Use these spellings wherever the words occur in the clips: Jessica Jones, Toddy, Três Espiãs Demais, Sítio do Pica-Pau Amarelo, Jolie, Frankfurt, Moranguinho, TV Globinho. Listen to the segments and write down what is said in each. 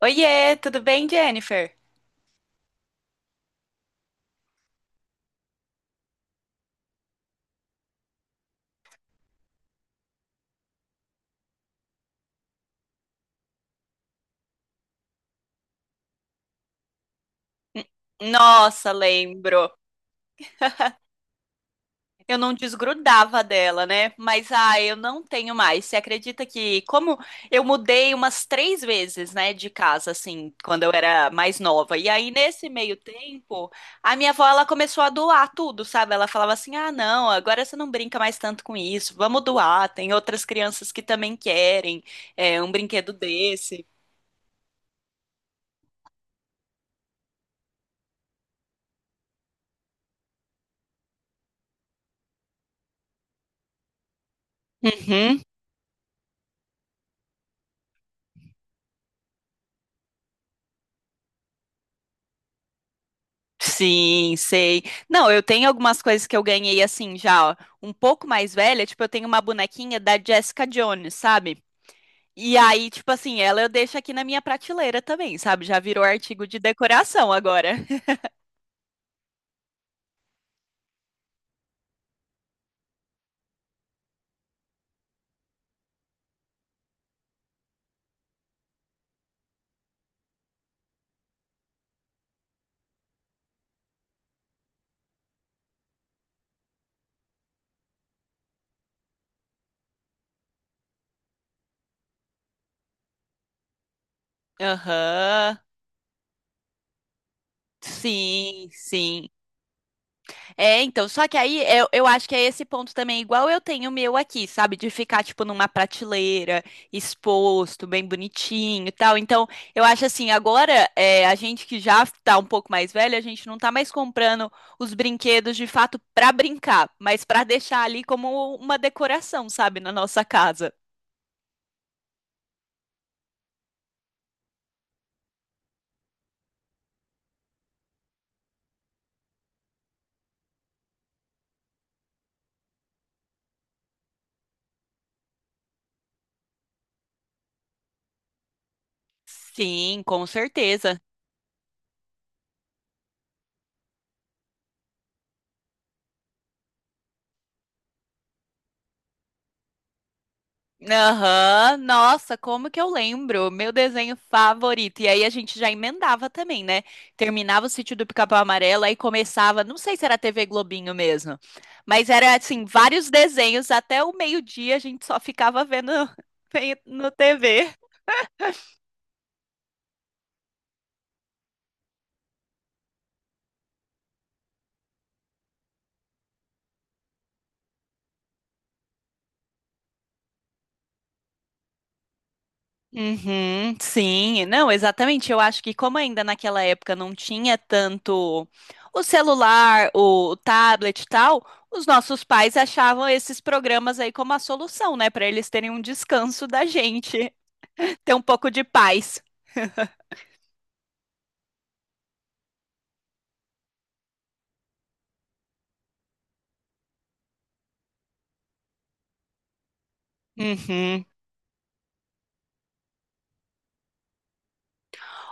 Oiê, tudo bem, Jennifer? N- Nossa, lembro. Eu não desgrudava dela, né? Mas eu não tenho mais. Você acredita que como eu mudei umas três vezes, né, de casa, assim, quando eu era mais nova? E aí nesse meio tempo, a minha avó ela começou a doar tudo, sabe? Ela falava assim: "Ah, não, agora você não brinca mais tanto com isso. Vamos doar. Tem outras crianças que também querem um brinquedo desse." Uhum. Sim, sei. Não, eu tenho algumas coisas que eu ganhei assim já, ó, um pouco mais velha, tipo, eu tenho uma bonequinha da Jessica Jones, sabe? E aí, tipo assim, ela eu deixo aqui na minha prateleira também, sabe? Já virou artigo de decoração agora. Aham. Sim, sim. É, então, só que aí eu acho que é esse ponto também, igual eu tenho o meu aqui, sabe? De ficar, tipo, numa prateleira, exposto, bem bonitinho e tal. Então, eu acho assim, agora é, a gente que já tá um pouco mais velha, a gente não tá mais comprando os brinquedos de fato pra brincar, mas pra deixar ali como uma decoração, sabe? Na nossa casa. Sim, com certeza. Aham. Nossa, como que eu lembro? Meu desenho favorito. E aí a gente já emendava também, né? Terminava o Sítio do Pica-Pau Amarelo e começava, não sei se era TV Globinho mesmo, mas era assim, vários desenhos até o meio-dia a gente só ficava vendo no TV. Uhum, sim, não, exatamente. Eu acho que como ainda naquela época não tinha tanto o celular, o tablet e tal, os nossos pais achavam esses programas aí como a solução, né, para eles terem um descanso da gente, ter um pouco de paz. Uhum.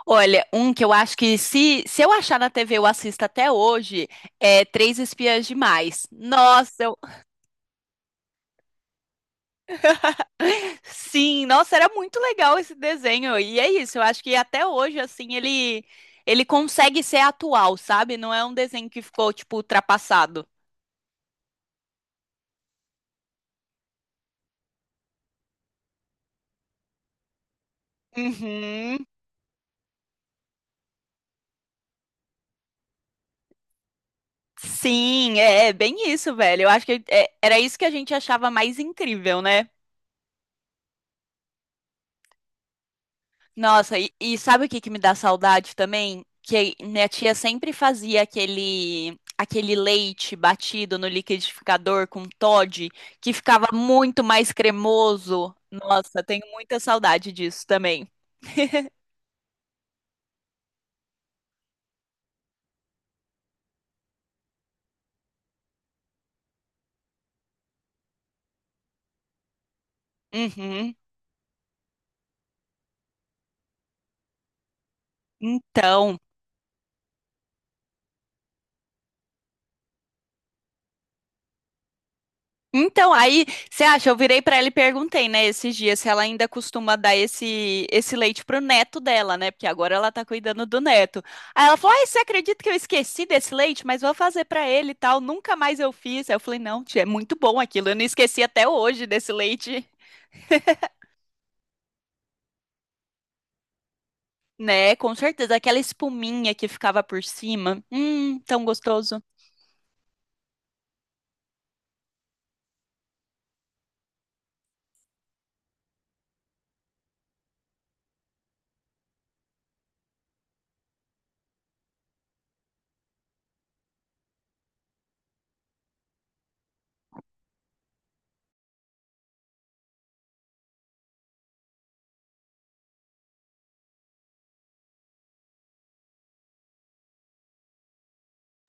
Olha, um que eu acho que se eu achar na TV eu assisto até hoje é Três Espiãs Demais. Nossa. Sim, nossa, era muito legal esse desenho. E é isso, eu acho que até hoje, assim, ele consegue ser atual, sabe? Não é um desenho que ficou, tipo, ultrapassado. Uhum. Sim, é, é bem isso, velho. Eu acho que era isso que a gente achava mais incrível, né? Nossa, e sabe o que que me dá saudade também? Que minha tia sempre fazia aquele leite batido no liquidificador com Toddy, que ficava muito mais cremoso. Nossa, tenho muita saudade disso também. Uhum. Então. Então, aí, você acha, eu virei pra ela e perguntei, né, esses dias, se ela ainda costuma dar esse leite pro neto dela, né, porque agora ela tá cuidando do neto. Aí ela falou, ai, você acredita que eu esqueci desse leite? Mas vou fazer pra ele e tal, nunca mais eu fiz. Aí eu falei, não, tia, é muito bom aquilo, eu não esqueci até hoje desse leite. Né, com certeza, aquela espuminha que ficava por cima, tão gostoso.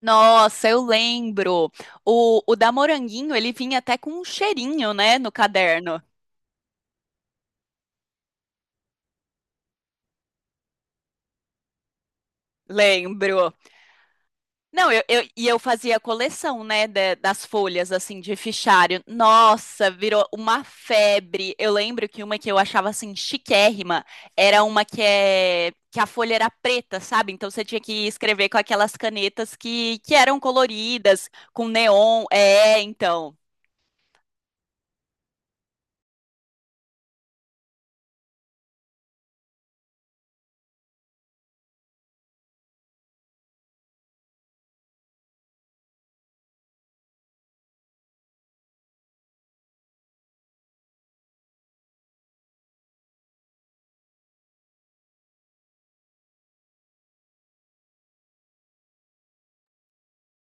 Nossa, eu lembro. O da Moranguinho, ele vinha até com um cheirinho, né, no caderno. Lembro. Não, eu fazia coleção, né, das folhas, assim, de fichário. Nossa, virou uma febre. Eu lembro que uma que eu achava, assim, chiquérrima era uma que a folha era preta, sabe? Então você tinha que escrever com aquelas canetas que eram coloridas, com neon. É, então.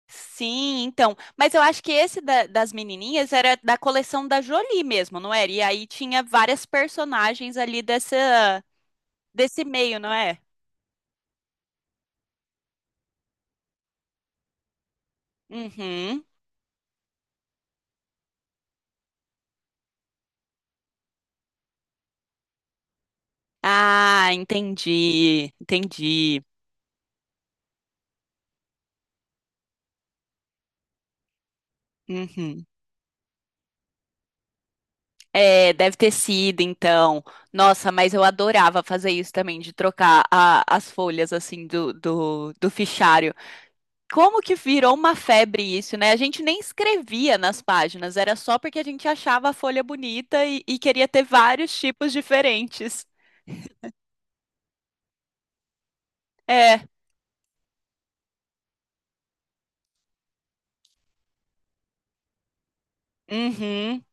Sim, então. Mas eu acho que esse das menininhas era da coleção da Jolie mesmo, não era? E aí tinha várias personagens ali dessa, desse meio, não é? Uhum. Ah, entendi, entendi. Uhum. É, deve ter sido, então. Nossa, mas eu adorava fazer isso também, de trocar as folhas, assim, do fichário. Como que virou uma febre isso, né? A gente nem escrevia nas páginas, era só porque a gente achava a folha bonita e queria ter vários tipos diferentes. É. Uhum.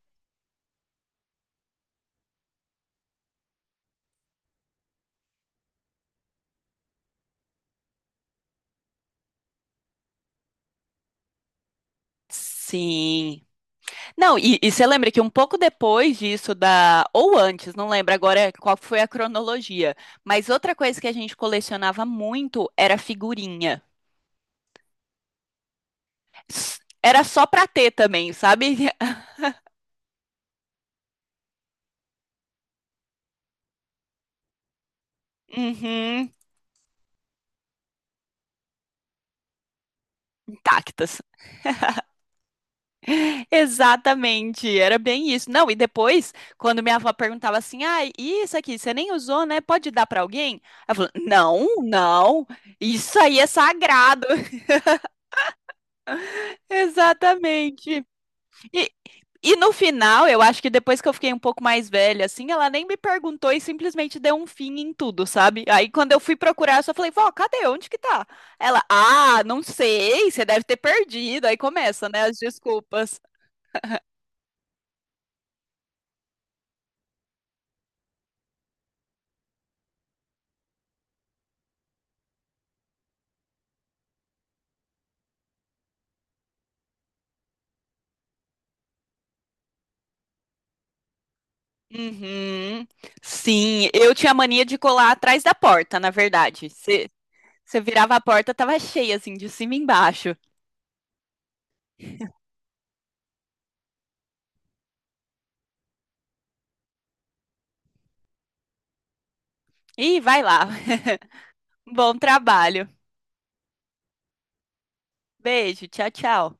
Sim. Não, e você lembra que um pouco depois disso da, ou antes, não lembro agora qual foi a cronologia, mas outra coisa que a gente colecionava muito era figurinha. Era só pra ter também, sabe? Uhum, intactas. Exatamente, era bem isso. Não, e depois, quando minha avó perguntava assim, ah, e isso aqui, você nem usou, né? Pode dar pra alguém? Ela falou, não, não, isso aí é sagrado. Exatamente. E, E no final, eu acho que depois que eu fiquei um pouco mais velha, assim, ela nem me perguntou e simplesmente deu um fim em tudo, sabe? Aí quando eu fui procurar, eu só falei, vó, cadê? Onde que tá? Ela, ah, não sei, você deve ter perdido. Aí começa, né, as desculpas. Uhum. Sim, eu tinha mania de colar atrás da porta, na verdade. Você virava a porta, tava cheia, assim, de cima e embaixo. Ih, vai lá. Bom trabalho. Beijo, tchau, tchau.